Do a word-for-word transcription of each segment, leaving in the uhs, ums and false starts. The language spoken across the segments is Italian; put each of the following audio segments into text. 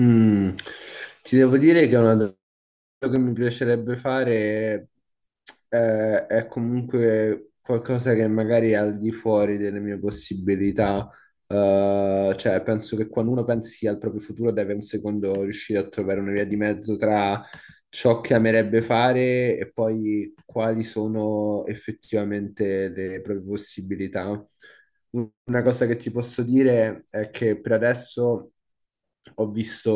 Mm, ti devo dire che è una quello che mi piacerebbe fare eh, è comunque qualcosa che magari è al di fuori delle mie possibilità. Eh, cioè, penso che quando uno pensi al proprio futuro deve un secondo riuscire a trovare una via di mezzo tra ciò che amerebbe fare e poi quali sono effettivamente le proprie possibilità. Una cosa che ti posso dire è che per adesso ho visto.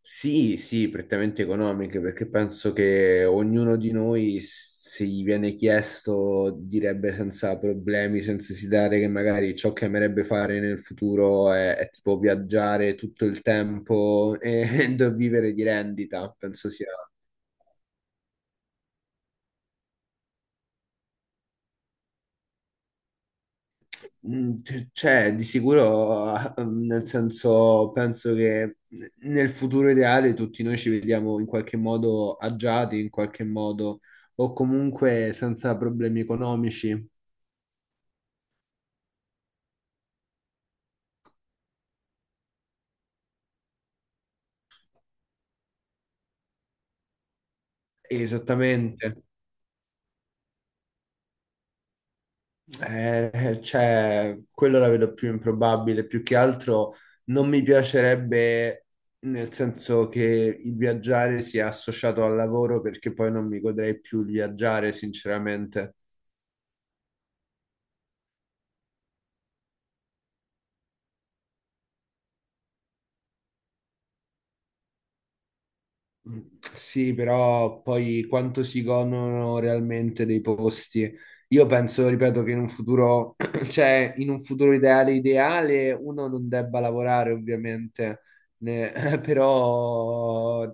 Sì, sì, prettamente economiche, perché penso che ognuno di noi, se gli viene chiesto, direbbe senza problemi, senza esitare che magari ciò che amerebbe fare nel futuro è, è tipo viaggiare tutto il tempo e, vivere di rendita. Penso sia. Mm, c- Cioè, di sicuro, ah, mm, nel senso, penso che nel futuro ideale tutti noi ci vediamo in qualche modo agiati, in qualche modo, o comunque senza problemi economici. Esattamente. Eh, cioè, quello la vedo più improbabile. Più che altro non mi piacerebbe, nel senso che il viaggiare sia associato al lavoro, perché poi non mi godrei più il viaggiare, sinceramente. Sì, però poi quanto si godono realmente dei posti? Io penso, ripeto, che in un futuro, cioè in un futuro ideale, ideale, uno non debba lavorare ovviamente, ne- però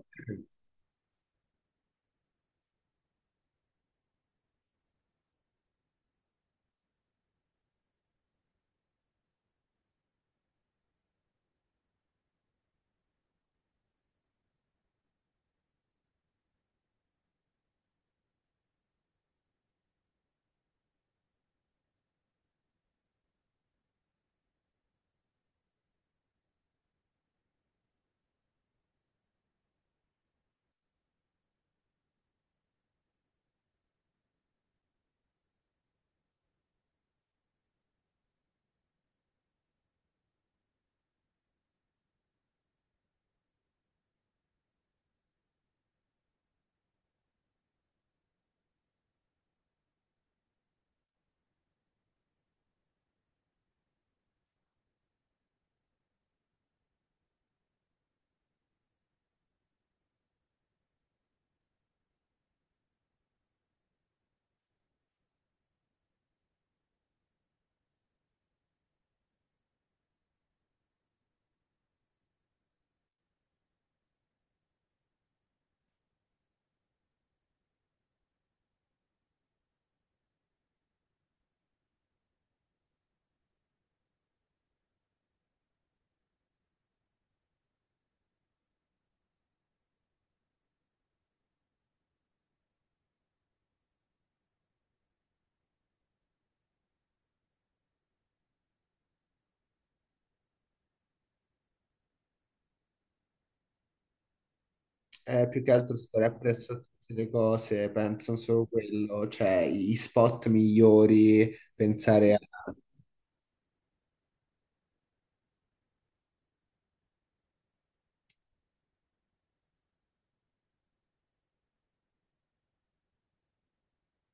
è più che altro stare appresso a tutte le cose, penso solo quello, cioè i spot migliori, pensare a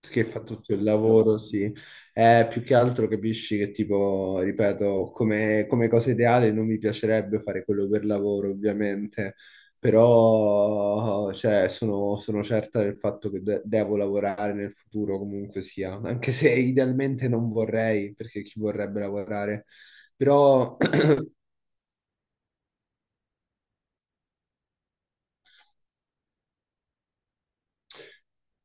che fa tutto il lavoro, sì. Eh, più che altro capisci che tipo, ripeto, come, come cosa ideale non mi piacerebbe fare quello per lavoro, ovviamente, però cioè, sono, sono certa del fatto che de- devo lavorare nel futuro comunque sia, anche se idealmente non vorrei, perché chi vorrebbe lavorare? Però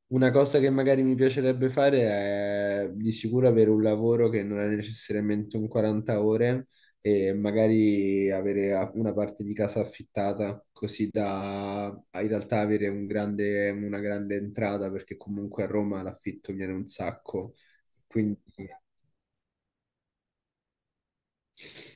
una cosa che magari mi piacerebbe fare è di sicuro avere un lavoro che non è necessariamente un quaranta ore e magari avere a- una parte di casa affittata, così da a- in realtà avere un grande- una grande entrata, perché comunque a Roma l'affitto viene un sacco. Quindi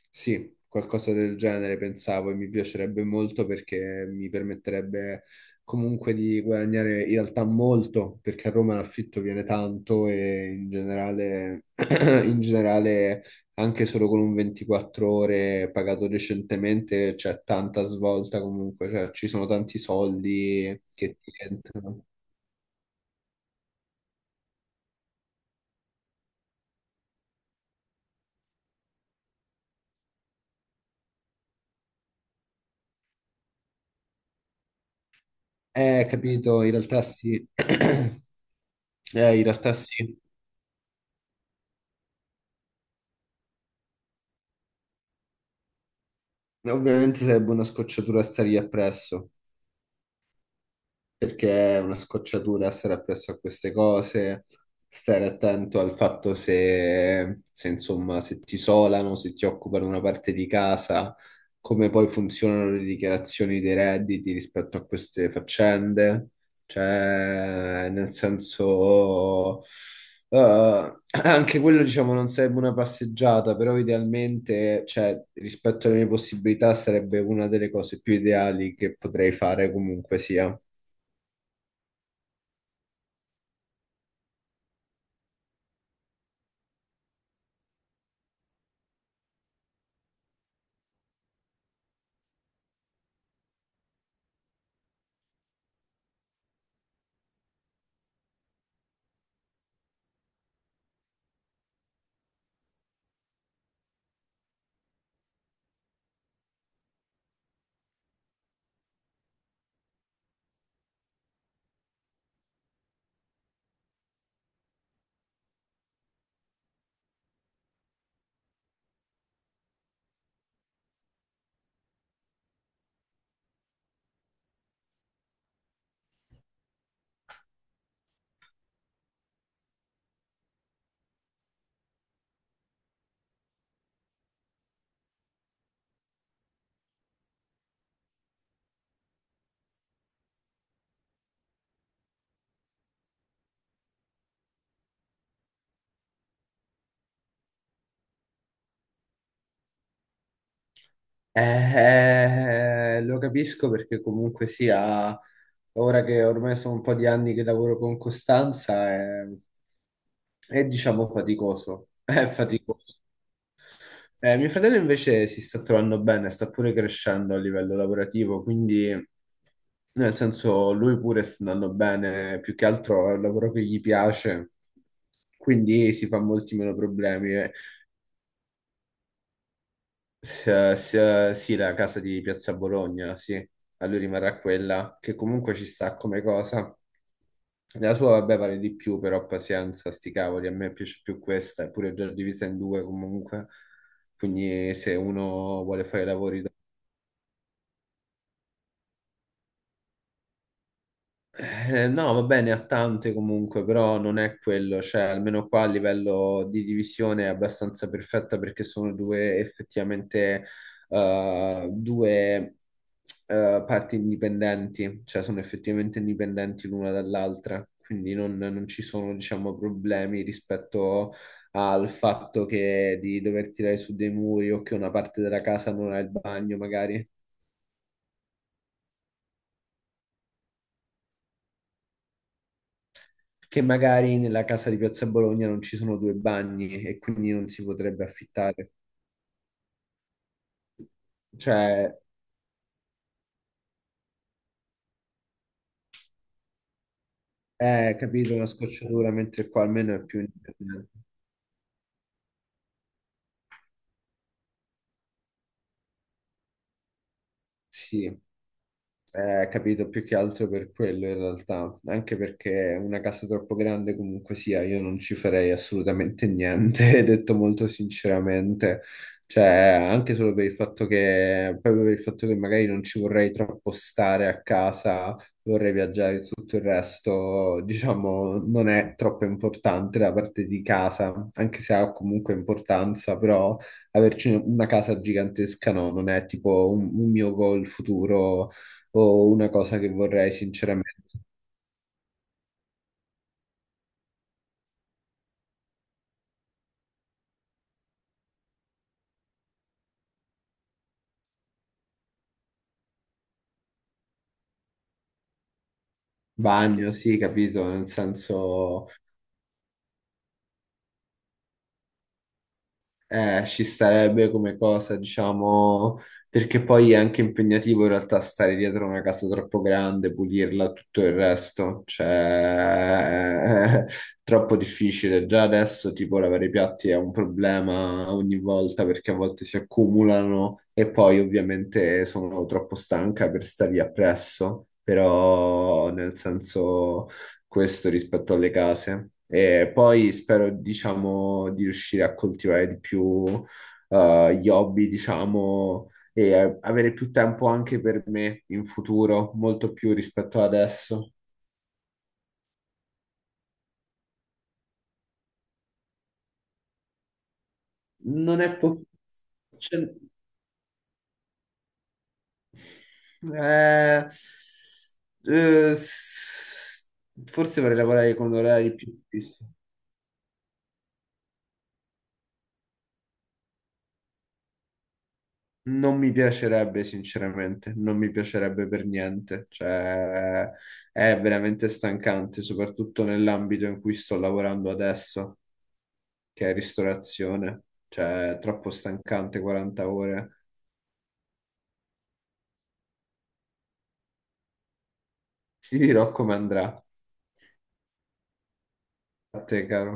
sì, qualcosa del genere pensavo e mi piacerebbe molto perché mi permetterebbe comunque di guadagnare in realtà molto, perché a Roma l'affitto viene tanto e in generale, in generale anche solo con un ventiquattro ore pagato decentemente c'è tanta svolta comunque, cioè ci sono tanti soldi che ti entrano. Eh, capito, in realtà sì. Eh, in realtà sì. Ovviamente sarebbe una scocciatura stare lì appresso, perché è una scocciatura stare appresso a queste cose, stare attento al fatto se, se, insomma, se ti isolano, se ti occupano una parte di casa, come poi funzionano le dichiarazioni dei redditi rispetto a queste faccende. Cioè, nel senso, eh, anche quello, diciamo, non sarebbe una passeggiata, però idealmente, cioè, rispetto alle mie possibilità, sarebbe una delle cose più ideali che potrei fare comunque sia. Eh, eh, lo capisco perché comunque sia, ora che ormai sono un po' di anni che lavoro con costanza, è, è, diciamo faticoso, è faticoso. Eh, mio fratello invece si sta trovando bene, sta pure crescendo a livello lavorativo, quindi nel senso lui pure sta andando bene, più che altro è un lavoro che gli piace, quindi si fa molti meno problemi. Eh, S- s- sì, la casa di Piazza Bologna, sì, a lui rimarrà quella che comunque ci sta come cosa. La sua, vabbè, vale di più, però pazienza, sti cavoli, a me piace più questa, eppure è già divisa in due comunque. Quindi se uno vuole fare i lavori. Eh, no, va bene, ha tante comunque, però non è quello, cioè almeno qua a livello di divisione è abbastanza perfetta perché sono due effettivamente eh, due eh, parti indipendenti, cioè sono effettivamente indipendenti l'una dall'altra, quindi non, non ci sono, diciamo, problemi rispetto al fatto che di dover tirare su dei muri o che una parte della casa non ha il bagno, magari. Che magari nella casa di Piazza Bologna non ci sono due bagni e quindi non si potrebbe affittare. Cioè, è capito una scocciatura, mentre qua almeno è più indipendente. Sì. Eh, capito, più che altro per quello in realtà, anche perché una casa troppo grande comunque sia, io non ci farei assolutamente niente, detto molto sinceramente, cioè anche solo per il fatto che, proprio per il fatto che magari non ci vorrei troppo stare a casa, vorrei viaggiare e tutto il resto, diciamo, non è troppo importante la parte di casa, anche se ha comunque importanza, però averci una casa gigantesca no, non è tipo un un mio goal futuro o una cosa che vorrei sinceramente. Bagno, sì, capito, nel senso eh, ci starebbe come cosa, diciamo, perché poi è anche impegnativo in realtà stare dietro una casa troppo grande, pulirla, tutto il resto, cioè è troppo difficile. Già adesso tipo lavare i piatti è un problema ogni volta perché a volte si accumulano e poi ovviamente sono troppo stanca per stare lì appresso, però nel senso... questo rispetto alle case. E poi spero, diciamo, di riuscire a coltivare di più eh, gli hobby, diciamo, e eh, avere più tempo anche per me in futuro, molto più rispetto ad adesso. Non è po- cioè, eh, eh, s- Forse vorrei lavorare con orari più fissi. Non mi piacerebbe, sinceramente, non mi piacerebbe per niente. Cioè, è veramente stancante, soprattutto nell'ambito in cui sto lavorando adesso, che è ristorazione. Cioè, è troppo stancante, quaranta ore. Ti dirò come andrà. A te, caro.